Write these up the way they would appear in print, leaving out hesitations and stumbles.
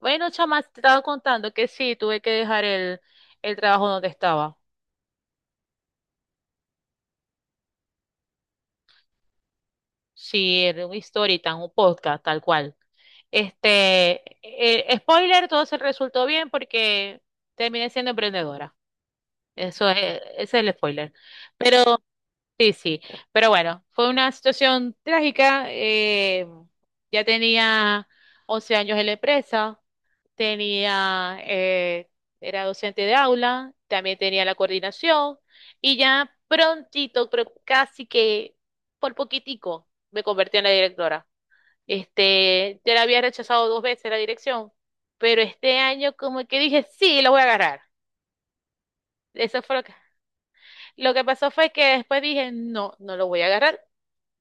Bueno, chama, te estaba contando que sí, tuve que dejar el trabajo donde estaba. Sí, era un story time, un podcast, tal cual. Este, Spoiler, todo se resultó bien porque terminé siendo emprendedora. Eso es, ese es el spoiler. Pero sí, sí. Pero bueno, fue una situación trágica. Ya tenía 11 años en la empresa. Tenía, era docente de aula, también tenía la coordinación y ya prontito, pero casi que por poquitico, me convertí en la directora. Ya la había rechazado dos veces la dirección, pero este año como que dije, sí, lo voy a agarrar. Eso fue lo que pasó fue que después dije, no, no lo voy a agarrar,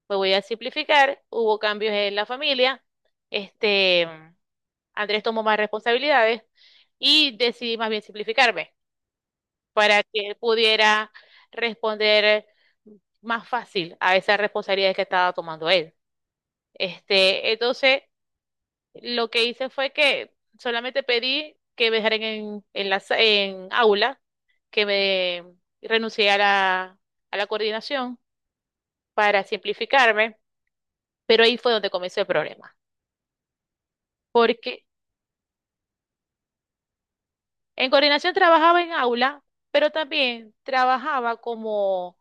me voy a simplificar. Hubo cambios en la familia, este, Andrés tomó más responsabilidades y decidí más bien simplificarme, para que pudiera responder más fácil a esas responsabilidades que estaba tomando él. Entonces, lo que hice fue que solamente pedí que me dejaran en aula, que me renuncié a a la coordinación para simplificarme, pero ahí fue donde comenzó el problema, porque en coordinación trabajaba en aula, pero también trabajaba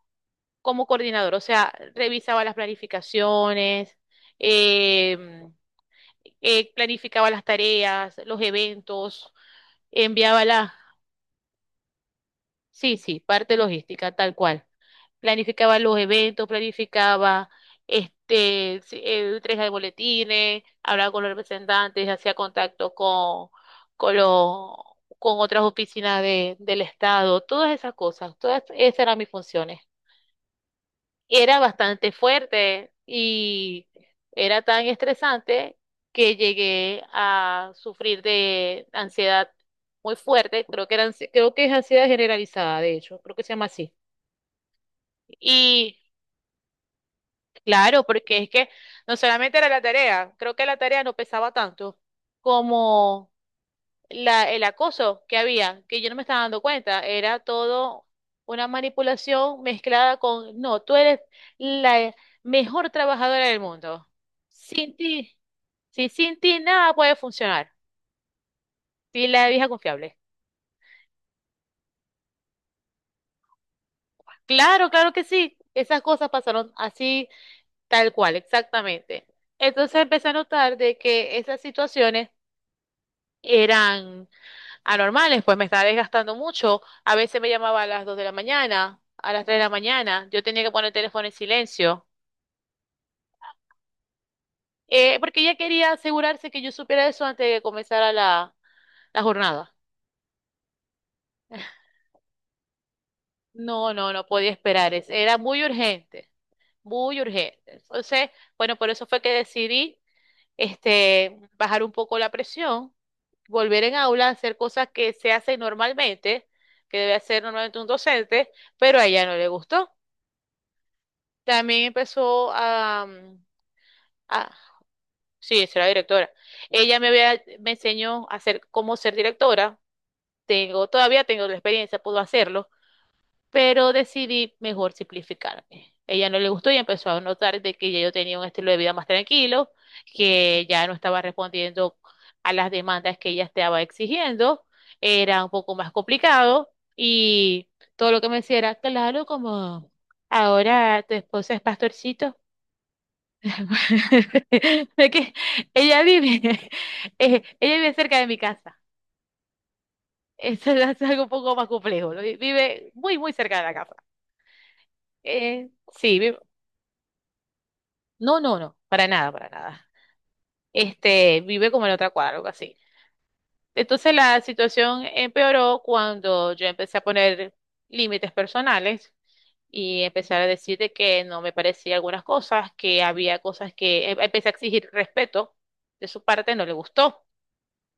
como coordinador, o sea, revisaba las planificaciones, em, planificaba las tareas, los eventos, enviaba sí, sí, parte logística, tal cual. Planificaba los eventos, planificaba sí, entrega de boletines, hablaba con los representantes, hacía contacto con los con otras oficinas de, del Estado, todas esas cosas, todas esas eran mis funciones. Era bastante fuerte y era tan estresante que llegué a sufrir de ansiedad muy fuerte, creo que era, creo que es ansiedad generalizada, de hecho, creo que se llama así. Y claro, porque es que no solamente era la tarea, creo que la tarea no pesaba tanto como el acoso que había, que yo no me estaba dando cuenta, era todo una manipulación mezclada con, no, tú eres la mejor trabajadora del mundo. Sin ti, si sin ti nada puede funcionar. Sí, la vieja confiable. Claro, claro que sí. Esas cosas pasaron así, tal cual, exactamente. Entonces empecé a notar de que esas situaciones eran anormales, pues me estaba desgastando mucho. A veces me llamaba a las 2 de la mañana, a las 3 de la mañana. Yo tenía que poner el teléfono en silencio, porque ella quería asegurarse que yo supiera eso antes de que comenzara la jornada. No, no, no podía esperar. Era muy urgente, muy urgente. Entonces, bueno, por eso fue que decidí bajar un poco la presión, volver en aula a hacer cosas que se hacen normalmente, que debe hacer normalmente un docente, pero a ella no le gustó. También empezó a, a- sí, será directora. Ella me había, me enseñó a hacer cómo ser directora. Tengo, todavía tengo la experiencia, puedo hacerlo, pero decidí mejor simplificarme. Ella no le gustó y empezó a notar de que ya yo tenía un estilo de vida más tranquilo, que ya no estaba respondiendo a las demandas que ella estaba exigiendo, era un poco más complicado y todo lo que me decía era, claro, como ahora tu esposa es pastorcito. Es que ella vive, ella vive cerca de mi casa. Eso es algo un poco más complejo. Vive muy, muy cerca de la casa. Eh, sí, no, no, no, para nada, para nada. Vive como en otra cuadra, algo así. Entonces la situación empeoró cuando yo empecé a poner límites personales y empecé a decir de que no me parecía algunas cosas, que había cosas que empecé a exigir respeto de su parte, no le gustó.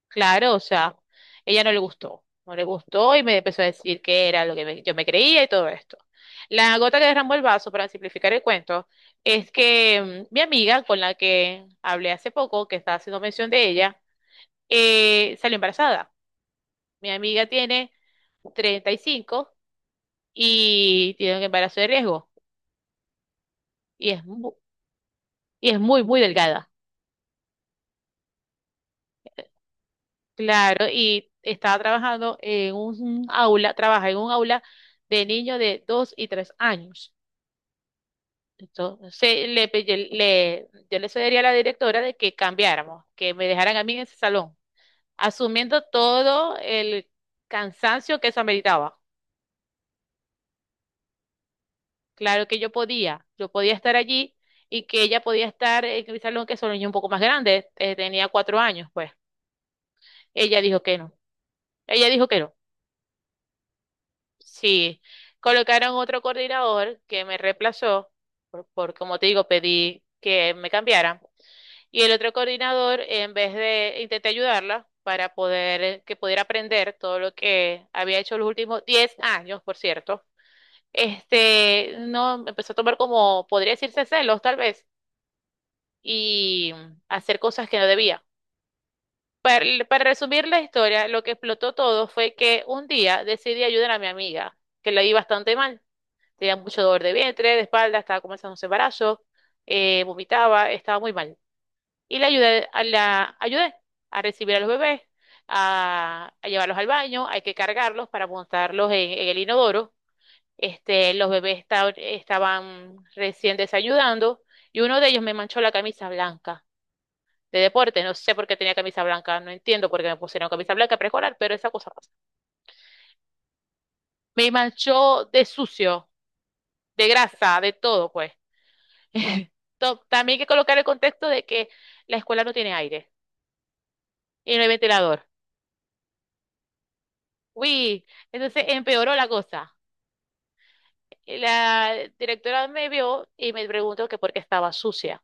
Claro, o sea, ella no le gustó, no le gustó y me empezó a decir que era lo que yo me creía y todo esto. La gota que derramó el vaso, para simplificar el cuento, es que mi amiga con la que hablé hace poco, que estaba haciendo mención de ella, salió embarazada. Mi amiga tiene 35 y tiene un embarazo de riesgo y y es muy, muy delgada. Claro, y estaba trabajando en un aula, trabaja en un aula de niños de 2 y 3 años. Esto, se, le, pe- yo le sugeriría a la directora de que cambiáramos, que me dejaran a mí en ese salón, asumiendo todo el cansancio que eso ameritaba. Claro que yo podía estar allí y que ella podía estar en mi salón, que es un niño un poco más grande, tenía 4 años, pues. Ella dijo que no, ella dijo que no. Sí, colocaron otro coordinador que me reemplazó, por como te digo, pedí que me cambiaran. Y el otro coordinador, en vez de intenté ayudarla para poder que pudiera aprender todo lo que había hecho los últimos 10 años, por cierto, no empezó a tomar como, podría decirse celos tal vez, y hacer cosas que no debía. Para resumir la historia, lo que explotó todo fue que un día decidí ayudar a mi amiga, que la vi bastante mal. Tenía mucho dolor de vientre, de espalda, estaba comenzando su embarazo, vomitaba, estaba muy mal. Y la, ayudé a recibir a los bebés, a llevarlos al baño, hay que cargarlos para montarlos en el inodoro. Los bebés estaban recién desayunando y uno de ellos me manchó la camisa blanca de deporte. No sé por qué tenía camisa blanca, no entiendo por qué me pusieron camisa blanca preescolar, pero esa cosa pasa. Me manchó de sucio, de grasa, de todo, pues. También hay que colocar el contexto de que la escuela no tiene aire y no hay ventilador. Uy, entonces empeoró la cosa. La directora me vio y me preguntó que por qué estaba sucia.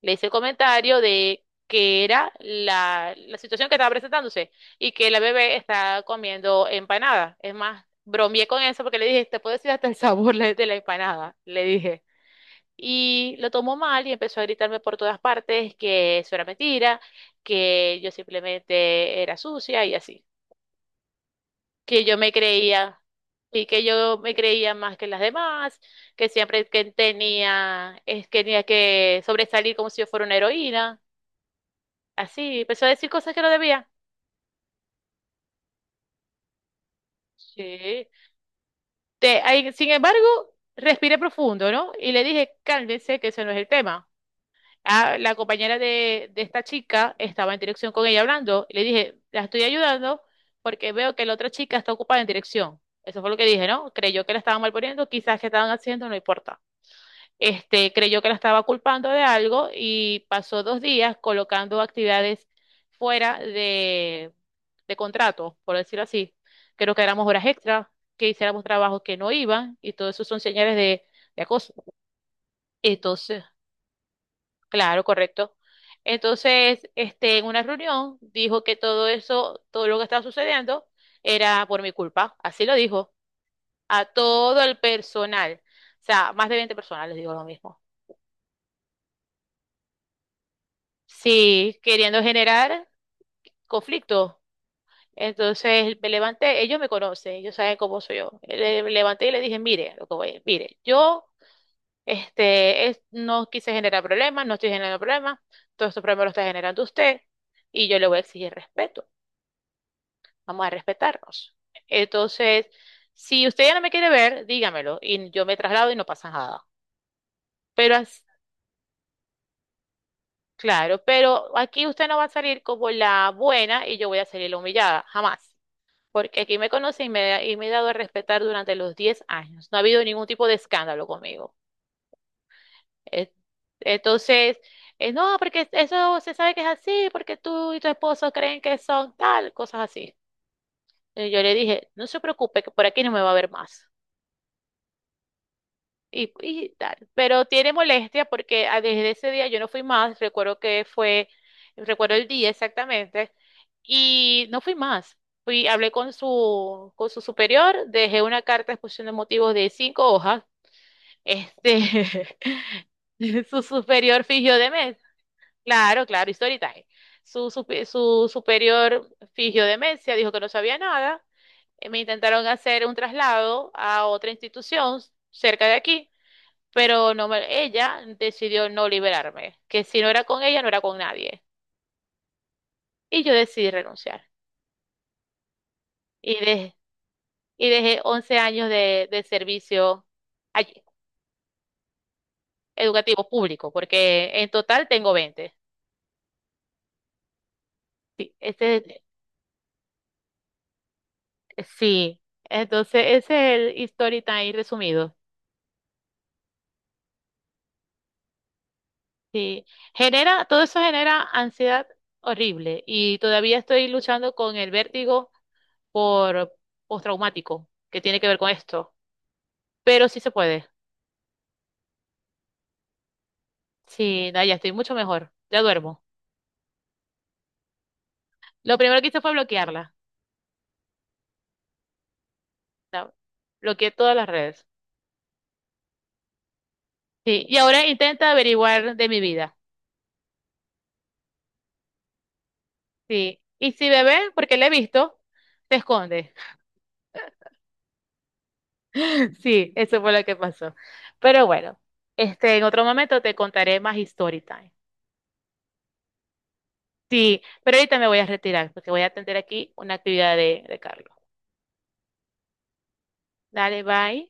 Le hice el comentario de que era la situación que estaba presentándose y que la bebé está comiendo empanada. Es más, bromeé con eso porque le dije, te puedo decir hasta el sabor de la empanada, le dije. Y lo tomó mal y empezó a gritarme por todas partes que eso era mentira, que yo simplemente era sucia y así. Que yo me creía y que yo me creía más que las demás, que siempre que tenía, es, que tenía que sobresalir como si yo fuera una heroína, así, empezó a decir cosas que no debía. Sí. Ahí, sin embargo, respiré profundo, ¿no? Y le dije, cálmese, que eso no es el tema. Ah, la compañera de esta chica estaba en dirección con ella hablando, y le dije, la estoy ayudando porque veo que la otra chica está ocupada en dirección. Eso fue lo que dije, ¿no? Creyó que la estaban malponiendo, quizás que estaban haciendo, no importa. Creyó que la estaba culpando de algo y pasó dos días colocando actividades fuera de contrato, por decirlo así. Creo que éramos horas extra, que hiciéramos trabajos que no iban y todo eso son señales de acoso. Entonces, claro, correcto. Entonces, en una reunión dijo que todo eso, todo lo que estaba sucediendo era por mi culpa, así lo dijo, a todo el personal, o sea, más de 20 personas les digo lo mismo. Sí, queriendo generar conflicto. Entonces me levanté, ellos me conocen, ellos saben cómo soy yo. Me levanté y le dije, mire, lo que voy, mire, yo no quise generar problemas, no estoy generando problemas, todos estos problemas los está generando usted y yo le voy a exigir respeto, vamos a respetarnos. Entonces, si usted ya no me quiere ver, dígamelo y yo me traslado y no pasa nada. Pero, as- claro, pero aquí usted no va a salir como la buena y yo voy a salir la humillada, jamás. Porque aquí me conocen y me he dado a respetar durante los 10 años. No ha habido ningún tipo de escándalo conmigo. Eh, entonces, no, porque eso se sabe que es así, porque tú y tu esposo creen que son tal, cosas así. Y yo le dije, no se preocupe, que por aquí no me va a ver más. Y, y tal. Pero tiene molestia porque ah, desde ese día yo no fui más, recuerdo que fue, recuerdo el día exactamente, y no fui más. Fui, hablé con su superior, dejé una carta de exposición de motivos de 5 hojas. Este, su superior fingió demencia. Claro, claro, y story time. Su superior fingió demencia, dijo que no sabía nada. Me intentaron hacer un traslado a otra institución cerca de aquí pero ella decidió no liberarme, que si no era con ella, no era con nadie. Y yo decidí renunciar. Y, de y dejé 11 años de servicio allí, educativo público, porque en total tengo 20. Sí, ese, sí. Entonces, ese es el story time resumido. Sí. Genera, todo eso genera ansiedad horrible y todavía estoy luchando con el vértigo por postraumático que tiene que ver con esto, pero sí se puede. Sí, no, ya estoy mucho mejor. Ya duermo. Lo primero que hice fue bloquearla. la- Bloqueé todas las redes. Sí, y ahora intenta averiguar de mi vida. Sí, y si me ve, porque la he visto, se esconde. Sí, eso fue lo que pasó. Pero bueno, en otro momento te contaré más story time. Sí, pero ahorita me voy a retirar porque voy a atender aquí una actividad de Carlos. Dale, bye.